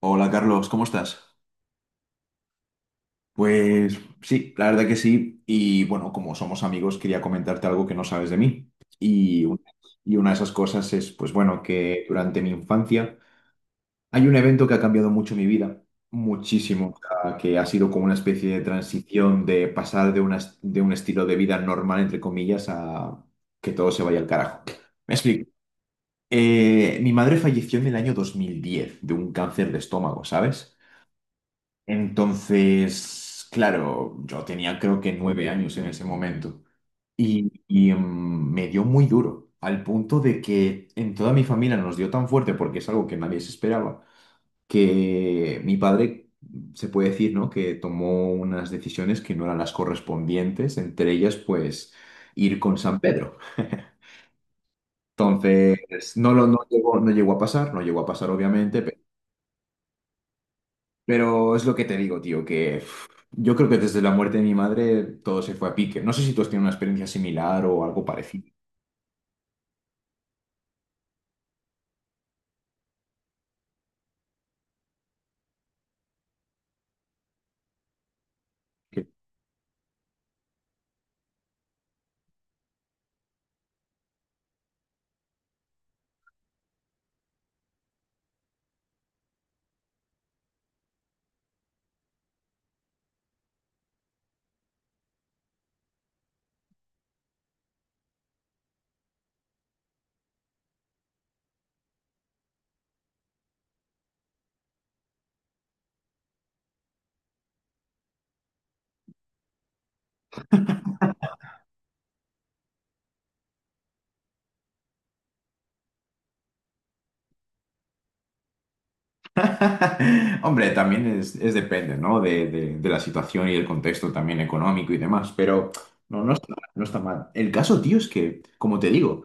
Hola Carlos, ¿cómo estás? Pues sí, la verdad que sí. Y bueno, como somos amigos, quería comentarte algo que no sabes de mí. Y, un- y una de esas cosas es, pues bueno, que durante mi infancia hay un evento que ha cambiado mucho mi vida, muchísimo, o sea, que ha sido como una especie de transición de pasar de, de un estilo de vida normal, entre comillas, a que todo se vaya al carajo. Me explico. Mi madre falleció en el año 2010 de un cáncer de estómago, ¿sabes? Entonces, claro, yo tenía creo que 9 años en ese momento y me dio muy duro, al punto de que en toda mi familia nos dio tan fuerte, porque es algo que nadie se esperaba, que mi padre, se puede decir, ¿no?, que tomó unas decisiones que no eran las correspondientes, entre ellas, pues, ir con San Pedro. Entonces, no, lo, no llegó, no llegó a pasar, no llegó a pasar obviamente. Pero es lo que te digo, tío, que uf, yo creo que desde la muerte de mi madre todo se fue a pique. No sé si tú has tenido una experiencia similar o algo parecido. Que- Hombre, también es depende, ¿no? De la situación y el contexto también económico y demás, pero no, no está mal. El caso, tío, es que, como te digo,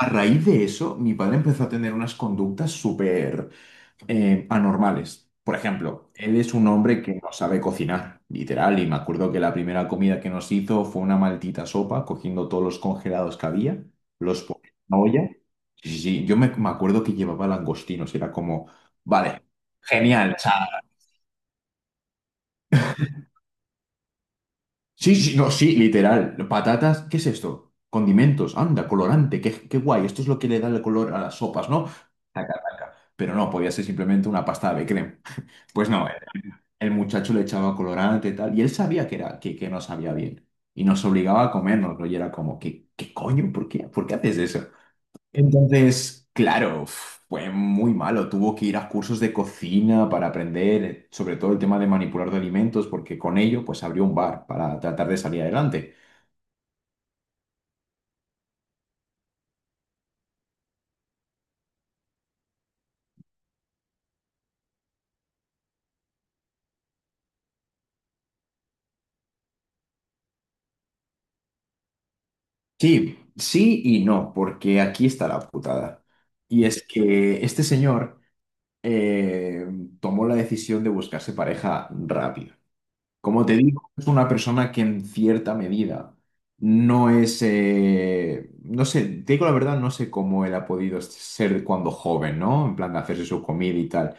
a raíz de eso, mi padre empezó a tener unas conductas súper, anormales. Por ejemplo, él es un hombre que no sabe cocinar, literal, y me acuerdo que la primera comida que nos hizo fue una maldita sopa, cogiendo todos los congelados que había, los ponía en una olla. Sí, sí, sí, yo me acuerdo que llevaba langostinos, era como, vale, genial, o sea, sí, sí, no, sí, literal, patatas, ¿qué es esto? Condimentos, anda, colorante, qué, guay, esto es lo que le da el color a las sopas, ¿no? Pero no, podía ser simplemente una pasta de crema. Pues no, el muchacho le echaba colorante y tal, y él sabía que no sabía bien, y nos obligaba a comernos, y era como, ¿qué coño? ¿Por qué? ¿Por qué haces eso? Entonces, claro, fue muy malo, tuvo que ir a cursos de cocina para aprender, sobre todo el tema de manipular de alimentos, porque con ello, pues abrió un bar para tratar de salir adelante. Sí, sí y no, porque aquí está la putada. Y es que este señor eh, tomó la decisión de buscarse pareja rápido. Como te digo, es una persona que en cierta medida no es, no sé, te digo la verdad, no sé cómo él ha podido ser cuando joven, ¿no? En plan de hacerse su comida y tal,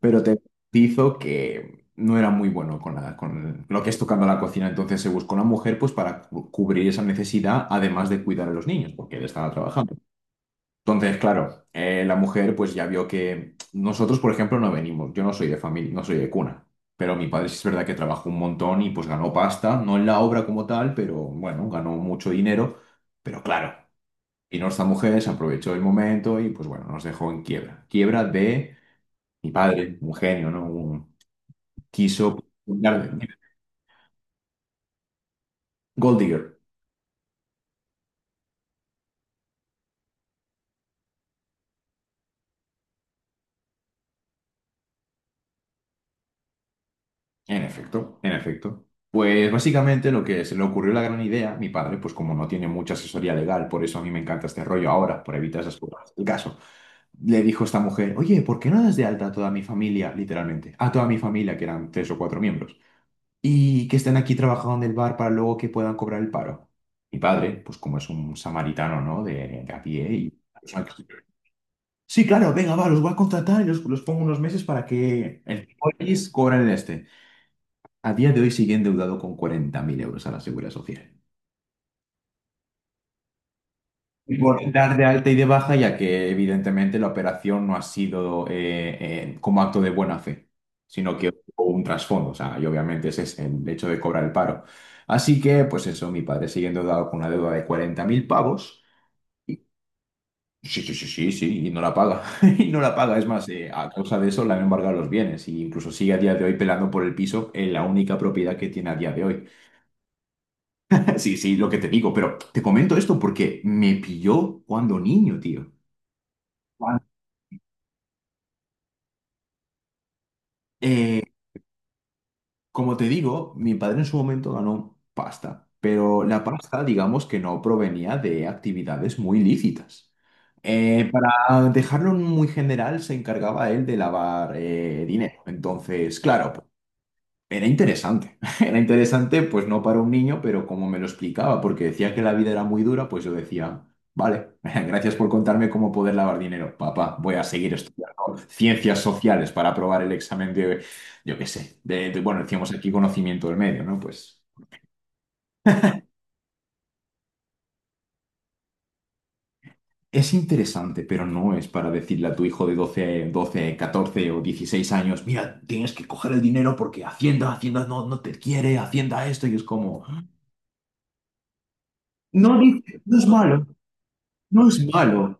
pero te hizo que no era muy bueno con, con lo que es tocando la cocina, entonces se buscó una mujer pues para cubrir esa necesidad, además de cuidar a los niños, porque él estaba trabajando. Entonces, claro, la mujer pues ya vio que nosotros, por ejemplo, no venimos, yo no soy de familia, no soy de cuna, pero mi padre sí es verdad que trabajó un montón y pues ganó pasta, no en la obra como tal, pero bueno, ganó mucho dinero, pero claro, y nuestra mujer se aprovechó del momento y pues bueno, nos dejó en quiebra. Quiebra de mi padre, un genio, ¿no? Quiso... Gold digger. En efecto, en efecto. Pues básicamente lo que se le ocurrió la gran idea, mi padre, pues como no tiene mucha asesoría legal, por eso a mí me encanta este rollo ahora, por evitar esas cosas. El caso, le dijo esta mujer, oye, ¿por qué no das de alta a toda mi familia, literalmente? A toda mi familia, que eran tres o cuatro miembros, y que estén aquí trabajando en el bar para luego que puedan cobrar el paro. Mi padre, pues como es un samaritano, ¿no? De a pie y. Sí, claro, venga, va, los voy a contratar y los pongo unos meses para que el país cobren el este. A día de hoy sigue endeudado con 40.000 euros a la Seguridad Social. Por dar de alta y de baja, ya que evidentemente la operación no ha sido como acto de buena fe, sino que hubo un trasfondo, o sea, y obviamente ese es el hecho de cobrar el paro. Así que, pues eso, mi padre sigue endeudado con una deuda de 40.000 pavos. Y, sí, sí, sí, sí, sí, y no la paga. Y no la paga. Es más, a causa de eso le han embargado los bienes. Y incluso sigue a día de hoy pelando por el piso en la única propiedad que tiene a día de hoy. Sí, sí, lo que te digo, pero te comento esto porque me pilló cuando niño, tío. Juan. Eh, como te digo, mi padre en su momento ganó pasta, pero la pasta, digamos que no provenía de actividades muy lícitas. Para dejarlo muy general, se encargaba él de lavar dinero. Entonces, claro, era interesante, era interesante, pues no para un niño, pero como me lo explicaba, porque decía que la vida era muy dura, pues yo decía, vale, gracias por contarme cómo poder lavar dinero, papá, voy a seguir estudiando ciencias sociales para aprobar el examen de, yo qué sé, de, bueno, decíamos aquí conocimiento del medio, ¿no? Pues es interesante, pero no es para decirle a tu hijo de doce 14 o 16 años, mira, tienes que coger el dinero porque Hacienda no, no te quiere, Hacienda esto, y es como. No dice, no es malo. No es malo.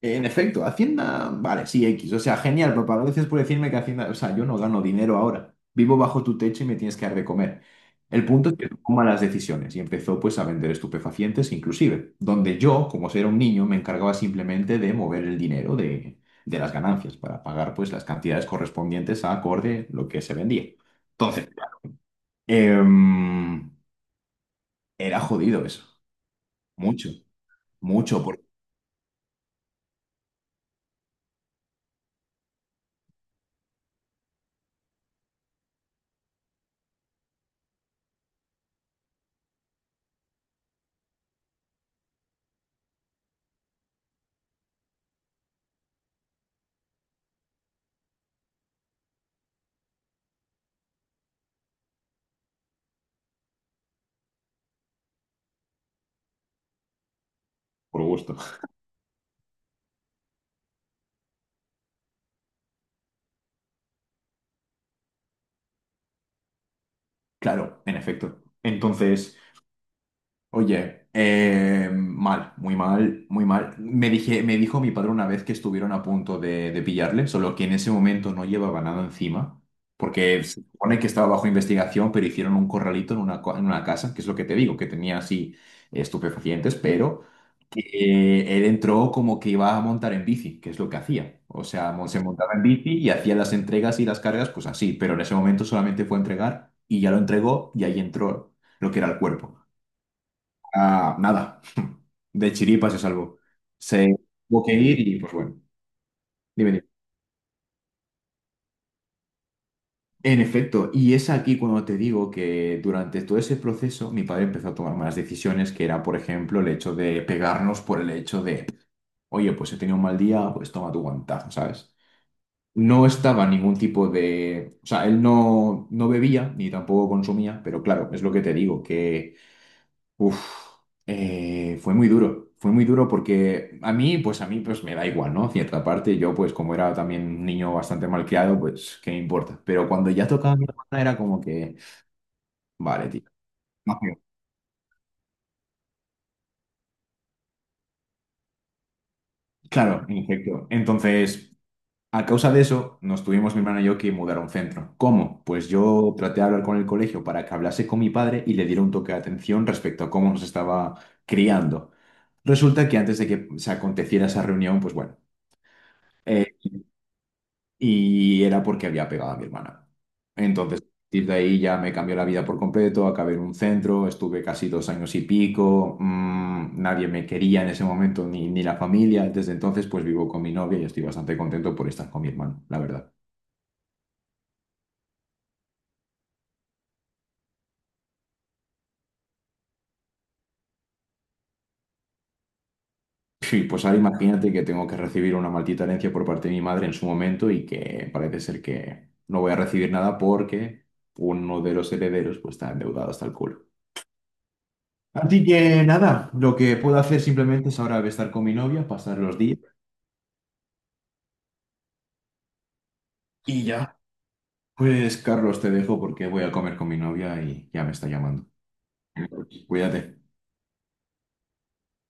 En efecto, Hacienda, vale, sí, X. O sea, genial, papá. Gracias por decirme que Hacienda, o sea, yo no gano dinero ahora. Vivo bajo tu techo y me tienes que dar de comer. El punto es que tomó malas decisiones y empezó pues a vender estupefacientes inclusive, donde yo, como era un niño, me encargaba simplemente de mover el dinero de las ganancias para pagar pues las cantidades correspondientes a acorde lo que se vendía. Entonces, em, era jodido eso. Mucho, mucho por gusto. Claro, en efecto. Entonces, oye, mal, muy mal, muy mal. Me dijo mi padre una vez que estuvieron a punto de pillarle, solo que en ese momento no llevaba nada encima, porque se supone que estaba bajo investigación, pero hicieron un corralito en una casa, que es lo que te digo, que tenía así estupefacientes, pero que él entró como que iba a montar en bici, que es lo que hacía. O sea, se montaba en bici y hacía las entregas y las cargas, pues así, pero en ese momento solamente fue a entregar y ya lo entregó y ahí entró lo que era el cuerpo. Ah, nada. De chiripa se salvó. Se tuvo que ir y pues bueno, dime, dime. En efecto, y es aquí cuando te digo que durante todo ese proceso mi padre empezó a tomar malas decisiones, que era, por ejemplo, el hecho de pegarnos por el hecho de, oye, pues he tenido un mal día, pues toma tu guantazo, ¿sabes? No estaba ningún tipo de. O sea, él no, no bebía ni tampoco consumía, pero claro, es lo que te digo, que uf, fue muy duro porque a mí, pues me da igual, ¿no? Cierta parte, yo pues como era también un niño bastante malcriado, pues qué me importa. Pero cuando ya tocaba a mi hermana era como que, vale, tío. No quiero. Claro, en efecto. Entonces, a causa de eso, nos tuvimos mi hermana y yo que mudar a un centro. ¿Cómo? Pues yo traté de hablar con el colegio para que hablase con mi padre y le diera un toque de atención respecto a cómo nos estaba criando. Resulta que antes de que se aconteciera esa reunión, pues bueno. eh, y era porque había pegado a mi hermana. Entonces, a partir de ahí ya me cambió la vida por completo, acabé en un centro, estuve casi 2 años y pico, nadie me quería en ese momento, ni la familia. Desde entonces, pues vivo con mi novia y estoy bastante contento por estar con mi hermano, la verdad. Y pues ahora imagínate que tengo que recibir una maldita herencia por parte de mi madre en su momento y que parece ser que no voy a recibir nada porque uno de los herederos pues está endeudado hasta el culo. Así que nada, lo que puedo hacer simplemente es ahora estar con mi novia, pasar los días y ya. Pues Carlos, te dejo porque voy a comer con mi novia y ya me está llamando. Cuídate.